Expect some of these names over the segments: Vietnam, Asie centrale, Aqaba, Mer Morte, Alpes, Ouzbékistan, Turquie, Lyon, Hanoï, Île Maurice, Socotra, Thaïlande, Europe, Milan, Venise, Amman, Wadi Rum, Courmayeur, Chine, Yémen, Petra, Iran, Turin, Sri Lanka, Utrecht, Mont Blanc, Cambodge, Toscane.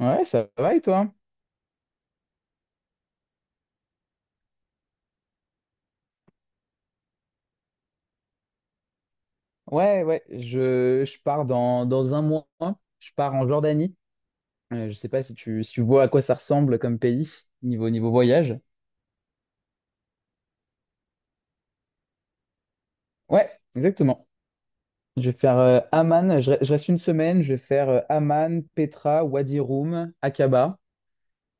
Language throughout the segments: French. Ouais, ça va et toi? Ouais, ouais, je pars dans un mois. Je pars en Jordanie. Je sais pas si tu vois à quoi ça ressemble comme pays, niveau voyage. Ouais, exactement. Je vais faire Amman. Je reste une semaine. Je vais faire Amman, Petra, Wadi Rum, Aqaba.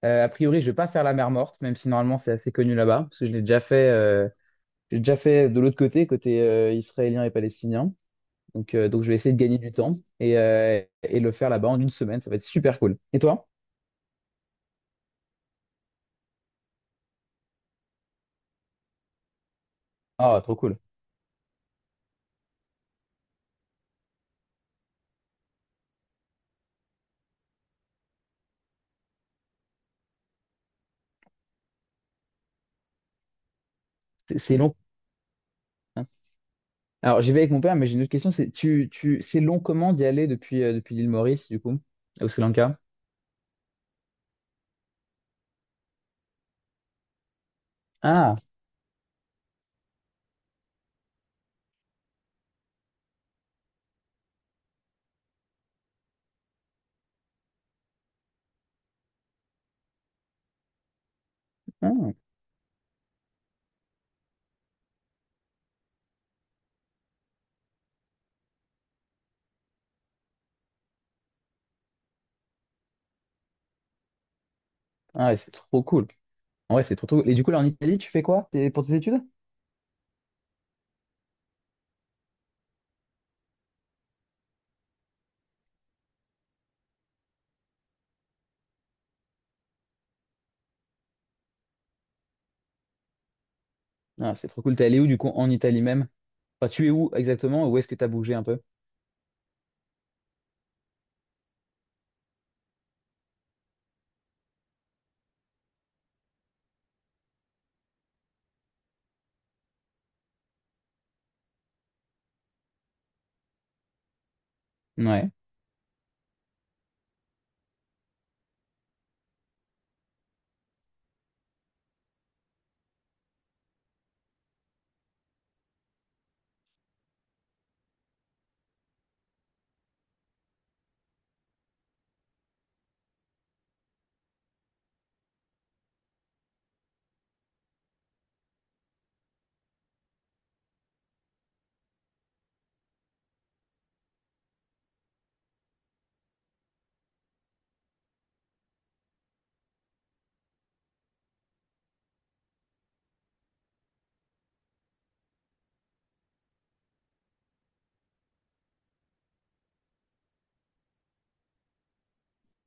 A priori, je vais pas faire la mer Morte, même si normalement c'est assez connu là-bas, parce que je l'ai déjà fait, j'ai déjà fait de l'autre côté, côté israélien et palestinien. Donc je vais essayer de gagner du temps et le faire là-bas en une semaine. Ça va être super cool. Et toi? Ah, trop cool. C'est long. Hein. Alors, j'y vais avec mon père, mais j'ai une autre question. C'est long comment d'y aller depuis l'île Maurice, du coup, au Sri Lanka? Ah, ah, ah ouais, c'est trop cool. Ouais, c'est trop, trop cool. Et du coup, là, en Italie, tu fais quoi, pour tes études? Ah, c'est trop cool. T'es allé où, du coup, en Italie même? Enfin, tu es où exactement? Où est-ce que t'as bougé un peu? Ouais.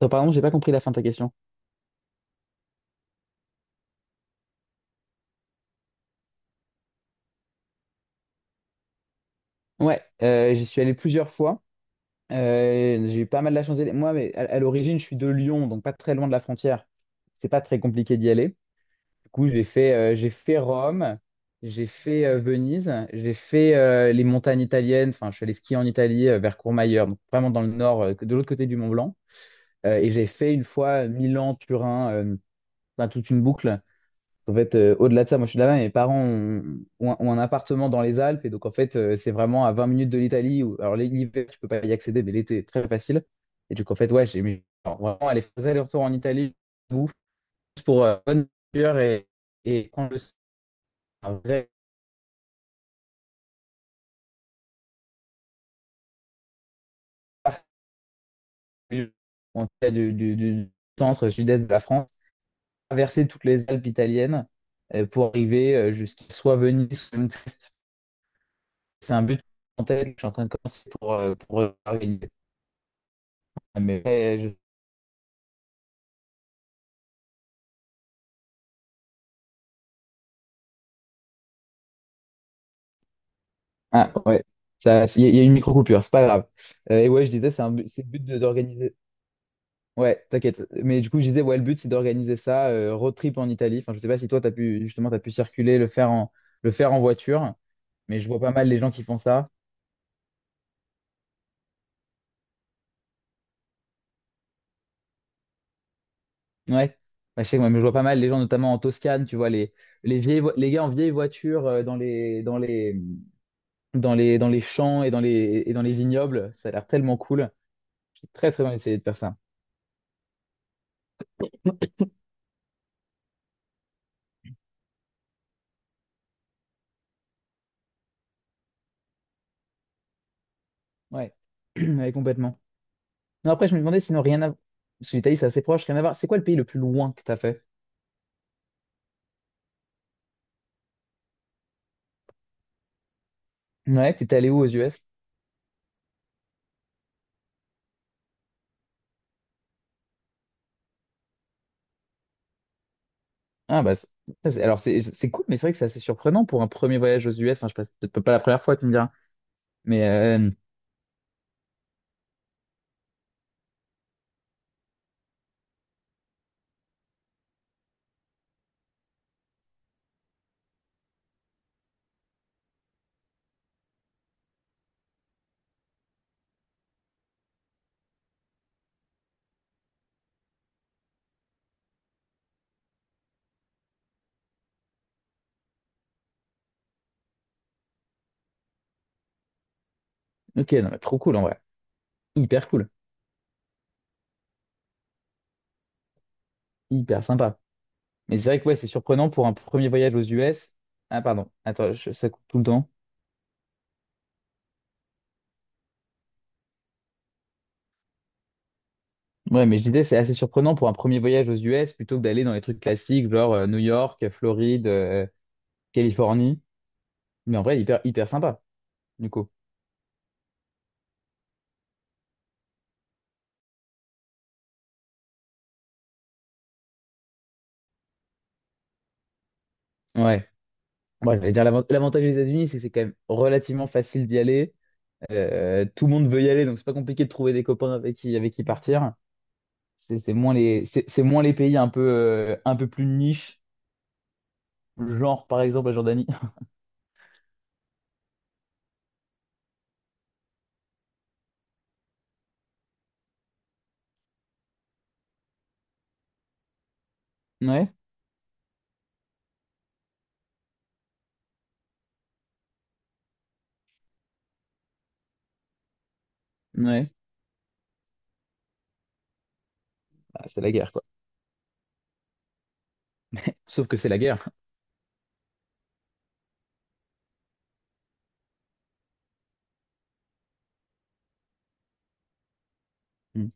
Attends, pardon, j'ai pas compris la fin de ta question. Ouais, j'y suis allé plusieurs fois. J'ai eu pas mal la chance d'y aller. Moi, mais à l'origine, je suis de Lyon, donc pas très loin de la frontière. C'est pas très compliqué d'y aller. Du coup, j'ai fait Rome, j'ai fait Venise, j'ai fait les montagnes italiennes. Enfin, je suis allé skier en Italie vers Courmayeur, donc vraiment dans le nord, de l'autre côté du Mont Blanc. Et j'ai fait une fois Milan, Turin, enfin, toute une boucle. En fait, au-delà de ça, moi je suis de là-bas, mes parents ont, ont un appartement dans les Alpes, et donc en fait, c'est vraiment à 20 minutes de l'Italie. Alors l'hiver, je peux pas y accéder, mais l'été, très facile. Et donc en fait, ouais, j'ai mis alors, vraiment aller faire des allers-retours en Italie, ouf, juste pour bonne nourriture et prendre le un vrai parcours, en tout cas, du centre-sud-est de la France, traverser toutes les Alpes italiennes pour arriver jusqu'à soit Venise, soit Utrecht. C'est un but en tête, que je suis en train de commencer pour organiser. Mais je Ah ouais, ça, il y a une micro-coupure, c'est pas grave. Et ouais, je disais, c'est c'est le but d'organiser. Ouais, t'inquiète. Mais du coup, je disais, ouais, le but, c'est d'organiser ça, road trip en Italie. Enfin, je sais pas si toi, t'as pu, justement, t'as pu circuler, le faire en voiture. Mais je vois pas mal les gens qui font ça. Ouais. Bah, je sais, ouais, mais je vois pas mal les gens, notamment en Toscane, tu vois, les gars en vieilles voitures dans les, dans les champs et et dans les vignobles. Ça a l'air tellement cool. J'ai très, très envie d'essayer de faire ça. Ouais, ouais, complètement. Non, après, je me demandais, sinon, rien à... Parce que l'Italie, c'est assez proche, rien à voir. C'est quoi le pays le plus loin que t'as fait? Ouais, t'étais allé où aux US? Ah, bah, ça, alors, c'est cool, mais c'est vrai que c'est assez surprenant pour un premier voyage aux US. Enfin, je sais pas, c'est peut-être pas la première fois, tu me diras. Mais, ok, non, mais trop cool, en vrai. Hyper cool. Hyper sympa. Mais c'est vrai que, ouais, c'est surprenant pour un premier voyage aux US. Ah, pardon. Attends, ça coupe tout le temps. Ouais, mais je disais, c'est assez surprenant pour un premier voyage aux US plutôt que d'aller dans les trucs classiques, genre New York, Floride, Californie. Mais en vrai, hyper, hyper sympa, du coup. Ouais. Moi, j'allais dire, l'avantage des États-Unis, c'est que c'est quand même relativement facile d'y aller. Tout le monde veut y aller, donc c'est pas compliqué de trouver des copains avec qui, partir. C'est moins les pays un peu plus niche, genre par exemple la Jordanie. Ouais, ouais. Ah, c'est la guerre, quoi. Sauf que c'est la guerre. Mm.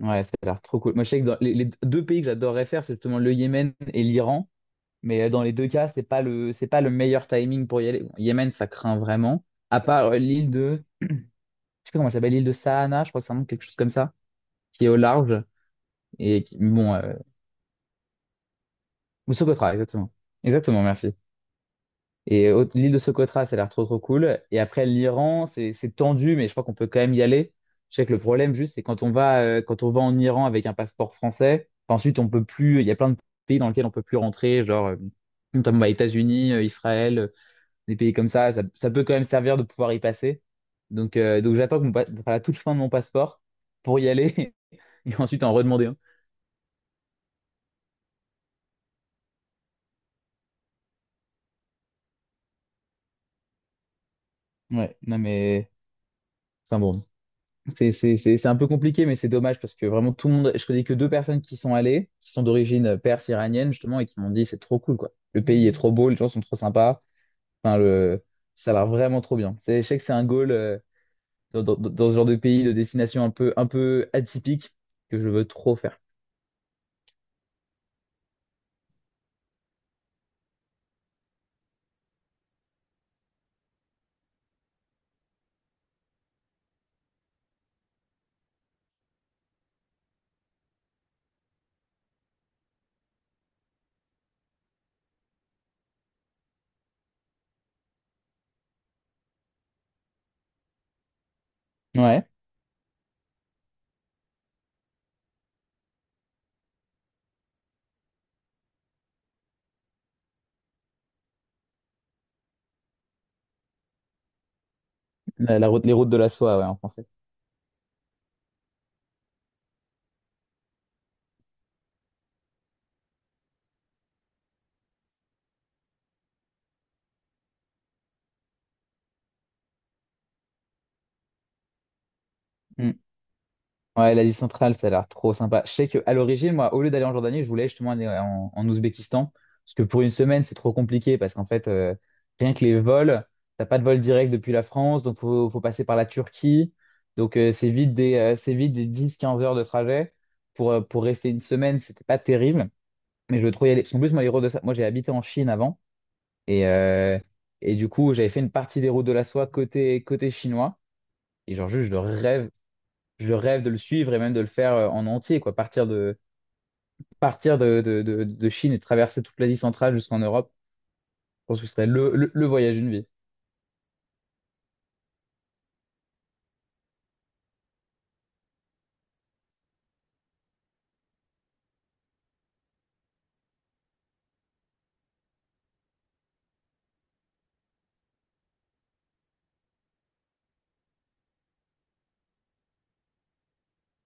Ouais, ça a l'air trop cool. Moi, je sais que dans les deux pays que j'adorerais faire, c'est justement le Yémen et l'Iran. Mais dans les deux cas, c'est pas le meilleur timing pour y aller. Bon, Yémen, ça craint vraiment. À part l'île de. Je sais pas comment elle s'appelle, l'île de Sahana, je crois que c'est un nom, quelque chose comme ça, qui est au large et qui, bon, ou Socotra, exactement. Exactement, merci. Et l'île de Socotra, ça a l'air trop trop cool. Et après l'Iran, c'est tendu, mais je crois qu'on peut quand même y aller. Je sais que le problème juste, c'est quand on va en Iran avec un passeport français, ensuite on peut plus. Il y a plein de pays dans lesquels on peut plus rentrer, genre notamment bah, États-Unis, Israël, des pays comme ça. Ça peut quand même servir de pouvoir y passer. Donc j'attends que enfin, à toute fin de mon passeport pour y aller. Et ensuite en redemander un. Ouais, non mais. Enfin bon, c'est un peu compliqué, mais c'est dommage parce que vraiment tout le monde. Je connais que deux personnes qui sont allées, qui sont d'origine perse iranienne justement, et qui m'ont dit c'est trop cool quoi. Le pays est trop beau, les gens sont trop sympas. Enfin, ça a l'air vraiment trop bien. Je sais que c'est un goal dans, dans ce genre de pays, de destination un peu atypique que je veux trop faire. Ouais. La route, les routes de la soie, ouais, en français. Mm. Ouais, l'Asie centrale, ça a l'air trop sympa. Je sais qu'à l'origine, moi, au lieu d'aller en Jordanie, je voulais justement aller en Ouzbékistan. Parce que pour une semaine, c'est trop compliqué. Parce qu'en fait, rien que les vols, t'as pas de vol direct depuis la France. Donc, faut passer par la Turquie. Donc, c'est vite des 10-15 heures de trajet. Pour rester une semaine, c'était pas terrible. Mais je veux trop y aller. Parce qu'en plus, moi, ça moi, j'ai habité en Chine avant. Et, euh, et du coup, j'avais fait une partie des routes de la soie côté chinois. Et genre, juste, je rêve de le suivre et même de le faire en entier, quoi. Partir de Chine et traverser toute l'Asie centrale jusqu'en Europe, je pense que ce serait le voyage d'une vie.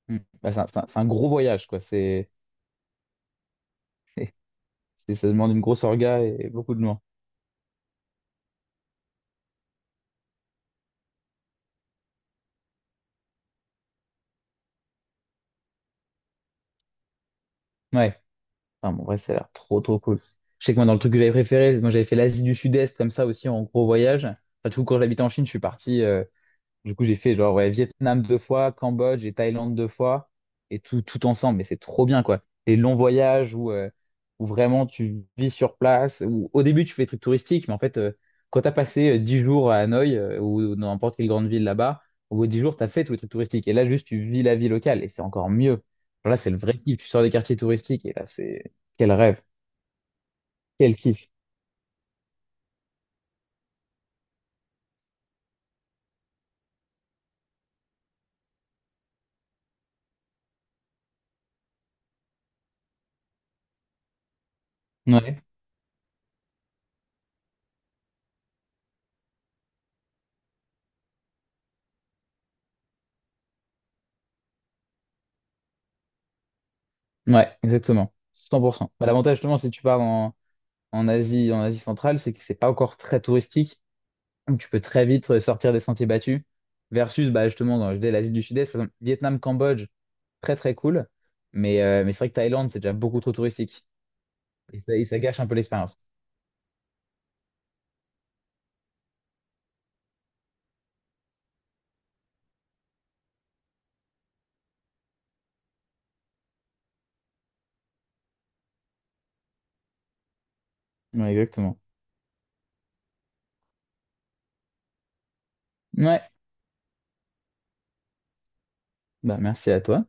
Mm. Bah, c'est un, c'est un gros voyage, quoi. Ça demande une grosse orga et beaucoup de loin. Ouais. Enfin, bon, en vrai, ça a l'air trop, trop cool. Je sais que moi, dans le truc que j'avais préféré, moi, j'avais fait l'Asie du Sud-Est comme ça aussi en gros voyage. Enfin, du coup, quand j'habitais en Chine, je suis parti. Du coup, j'ai fait genre ouais, Vietnam deux fois, Cambodge et Thaïlande deux fois, et tout, tout ensemble. Mais c'est trop bien, quoi. Les longs voyages où vraiment tu vis sur place, où au début tu fais des trucs touristiques, mais en fait, quand tu as passé 10 jours à Hanoï ou dans n'importe quelle grande ville là-bas, au bout de 10 jours, tu as fait tous les trucs touristiques. Et là, juste, tu vis la vie locale, et c'est encore mieux. Genre là, c'est le vrai kiff. Tu sors des quartiers touristiques, et là, c'est quel rêve, quel kiff. Ouais, ouais, exactement. 100%. Bah, l'avantage, justement, c'est que tu pars en Asie, en Asie centrale, c'est que c'est pas encore très touristique. Donc tu peux très vite sortir des sentiers battus. Versus, bah, justement, dans dès l'Asie du Sud-Est, par exemple, Vietnam, Cambodge, très très cool. Mais c'est vrai que Thaïlande, c'est déjà beaucoup trop touristique. Et ça gâche un peu l'expérience. Ouais, exactement. Ouais, bah merci à toi.